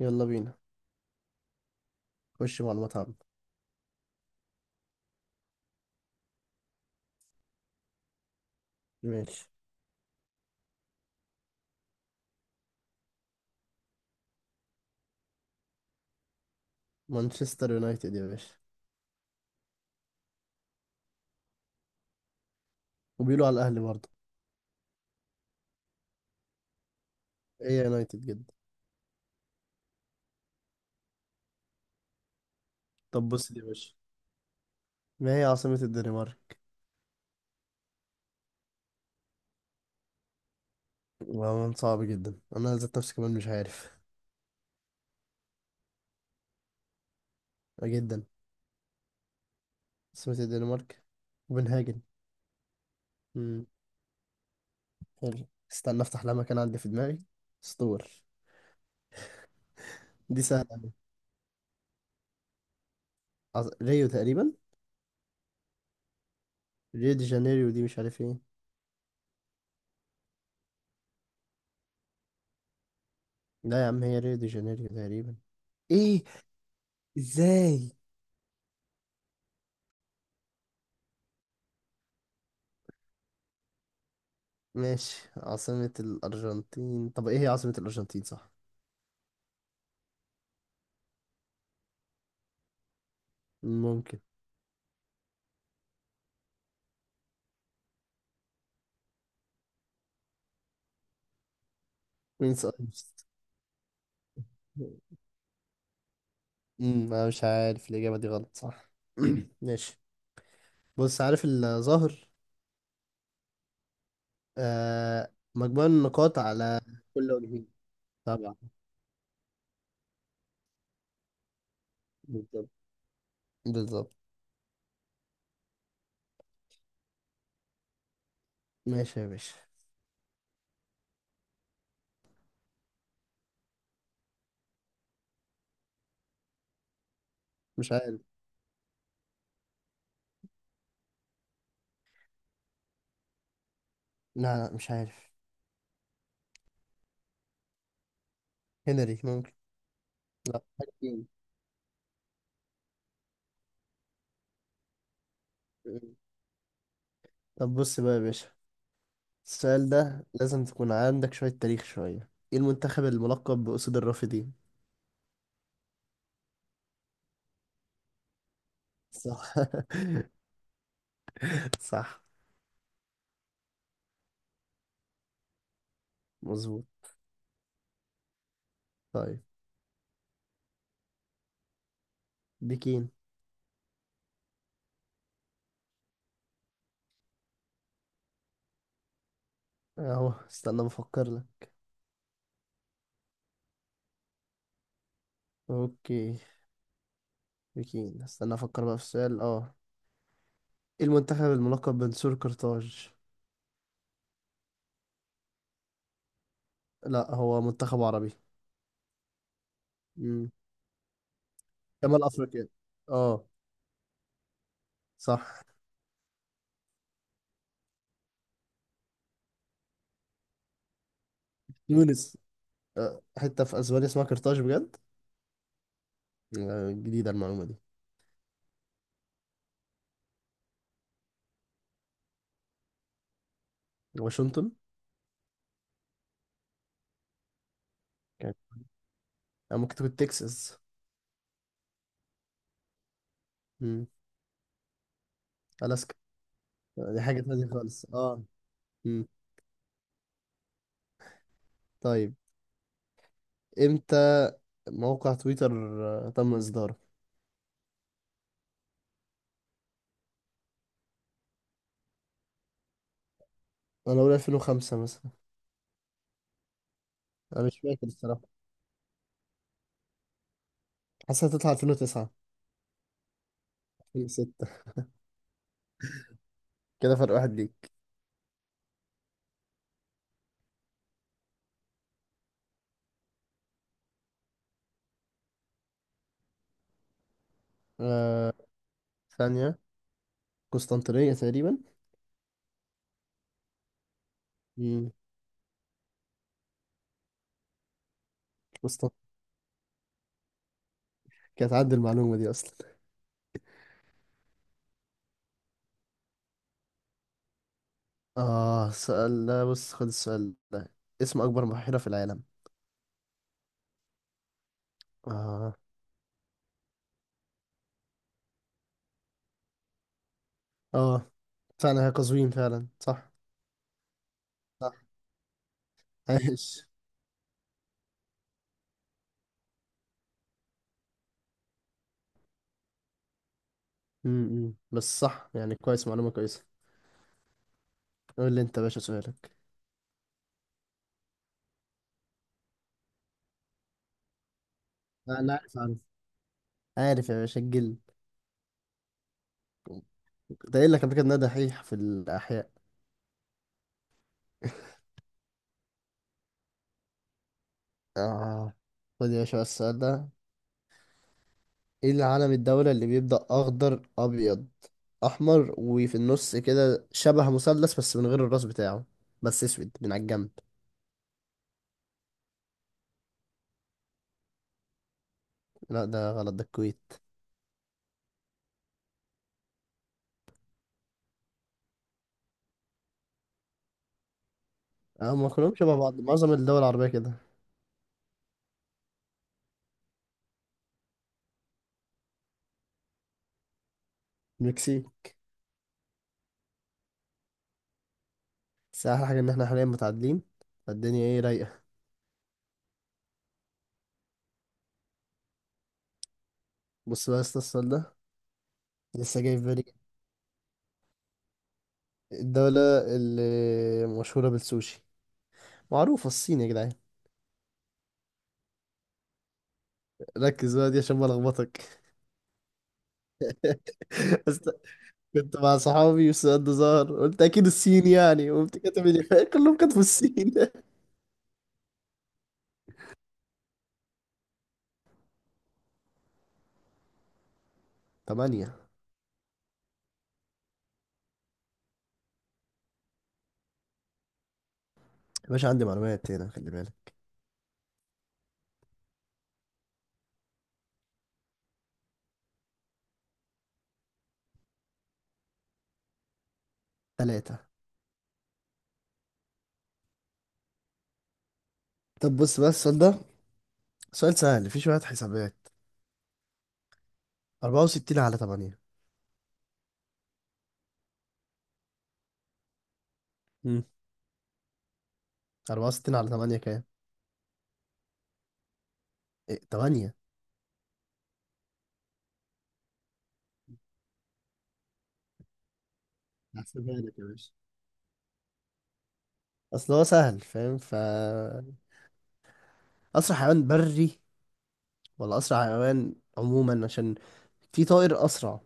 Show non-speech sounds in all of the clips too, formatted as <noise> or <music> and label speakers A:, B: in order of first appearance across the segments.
A: يلا بينا. خش معلومات عامة. ماشي. مانشستر يونايتد يا باشا. وبيقولوا على الأهلي برضه. هي يونايتد جدا. طب بص دي يا باشا، ما هي عاصمة الدنمارك؟ والله صعب جدا، أنا ذات نفسي كمان مش عارف. آه، جدا. عاصمة الدنمارك كوبنهاجن. امم حلو، استنى افتح لها مكان عندي في دماغي. اسطور. دي سهلة أوي. ريو تقريبا. ريو دي جانيريو، دي مش عارف ايه. لا يا عم، هي ريو دي جانيريو تقريبا. ايه؟ ازاي؟ ماشي. عاصمة الأرجنتين، طب إيه هي عاصمة الأرجنتين، صح؟ ممكن. بوينس آيرس. أنا مش عارف، الإجابة دي غلط صح. <clears throat> ماشي. بص عارف الظاهر. آه، مجموع النقاط على كل وجهين. طبعا. بالظبط. بالظبط. ماشي يا باشا. مش عارف. لا، لا، مش عارف. هنري ممكن. لا. <clears throat> حكيم. طب بص بقى يا باشا، السؤال ده لازم تكون عندك شوية تاريخ، شوية ايه المنتخب الملقب بأسود الرافدين؟ صح. <laughs> صح. مظبوط. طيب. بكين. اهو استنى بفكر لك. اوكي. بكين، استنى افكر بقى في السؤال. اه ايه المنتخب الملقب بنسور قرطاج؟ لا، هو منتخب عربي. امم شمال افريقيا. اه. صح. تونس. آه، حته في اسبانيا اسمها قرطاج بجد؟ آه، جديده المعلومه دي. واشنطن. كانت. آه، ممكن تكون تكساس. امم الاسكا. آه، دي حاجه تانية خالص. اه امم طيب. امتى موقع تويتر؟ آه، تم اصداره. انا اقول 2005 مثلا. انا مش فاكر الصراحه. حاسسها تطلع 2009. 2006. كده فرق واحد ليك. آه، ثانيه. قسطنطينيه تقريبا. امم قسطنطينيه، كانت عندي المعلومه دي اصلا. اه سؤال ده، بص خد السؤال ده. اسم اكبر بحيره في العالم. اه. اه. فعلا هي قزوين فعلا. صح. صح. عايش. بس صح يعني، كويس معلومه كويسه. قول لي انت يا باشا سؤالك. لا، انا عارف عارف. عارف يا باشا، الجلد. ده قايل لك قبل كده إن أنا دحيح في الاحياء. آه. خد يا باشا بقى السؤال ده. ايه اللي علم الدولة اللي بيبدأ أخضر، أبيض، أحمر، وفي النص كده شبه مثلث بس من غير الراس بتاعه، بس أسود من على الجنب؟ لا ده غلط، ده الكويت. اه، ما كلهم شبه بعض، معظم الدول العربية كده. المكسيك. بس أحلى حاجة إن احنا حاليا متعادلين، فالدنيا ايه، رايقة. بص بقى يا اسطى السؤال ده، لسه جاي في بالي. الدولة اللي مشهورة بالسوشي. معروفة، الصين يا جدعان. ركز بقى دي عشان ما ألخبطك. <laughs> كنت مع صحابي والسؤال ده ظهر، قلت اكيد الصين يعني، وقمت كاتب اللي <laughs> كلهم كتبوا الصين. تمانية. يا باشا عندي معلومات هنا، خلي بالك. تلاتة. طب بص بقى السؤال ده، سؤال سهل فيه شوية حسابات. 64 على 8. امم 64 على 8 كام؟ إيه؟ تمانية. هحسبها لك يا باشا، أصل هو سهل فاهم، ف أسرع حيوان بري، ولا أسرع حيوان عموما، عشان في طائر أسرع.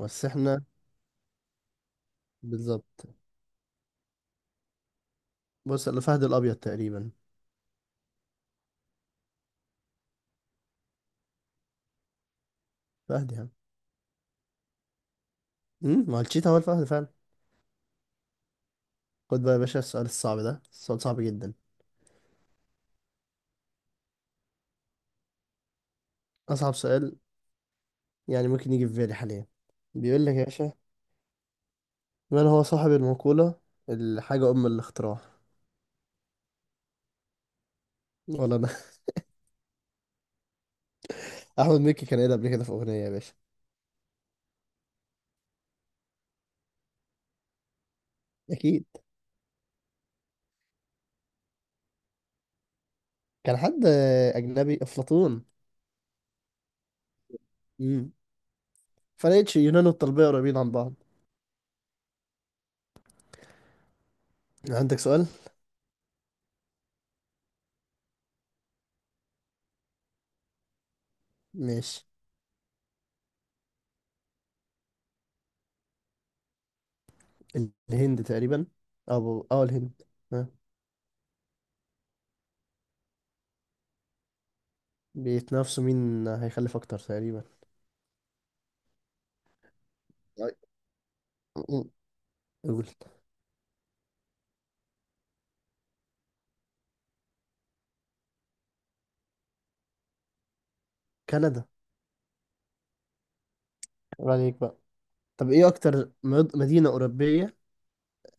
A: بس إحنا. بالظبط. بص، الفهد الأبيض تقريبا. فهد يعني. ما هو الشيتا هو الفهد فعلا. خد بقى يا باشا السؤال الصعب ده. السؤال صعب جدا، أصعب سؤال يعني ممكن يجي في بالي حاليا. بيقول لك يا باشا، من هو صاحب المقولة الحاجة أم الاختراع؟ ولا أنا. <laughs> أحمد مكي كان قايلها قبل كده في أغنية يا باشا. أكيد كان حد أجنبي. أفلاطون. امم فلقيتش يونان والطلبية قريبين عن بعض. عندك سؤال؟ ماشي. الهند تقريبا. أو الهند. ها؟ بيتنافسوا مين هيخلف أكتر تقريبا. طيب. قول. كندا. قول عليك بقى. طب ايه اكتر مدينة أوروبية.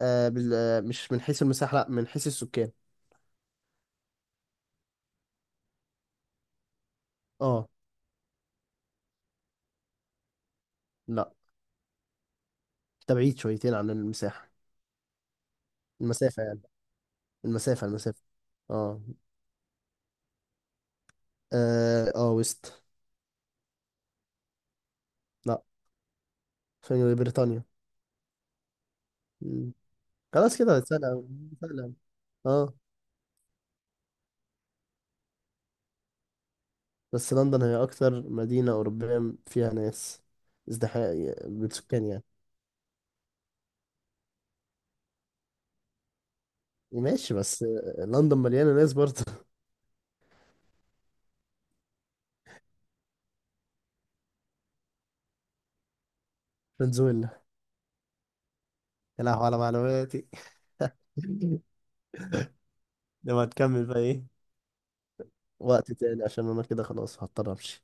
A: آه بال... آه، مش من حيث المساحة، لا من حيث السكان. اه. لا ده بعيد شويتين عن المساحة. المسافة يعني. المسافة. المسافة. اه. وست. لا، في بريطانيا. مم. خلاص كده سهلة أوي، سهلة أوي. اه. بس لندن هي اكتر مدينة أوروبية فيها ناس، ازدحام بالسكان يعني. ماشي، بس لندن مليانة ناس برضه. <laughs> فنزويلا. يا لهوي على معلوماتي. <laughs> لما تكمل بقى ايه. وقت تاني، عشان انا كده خلاص هضطر امشي.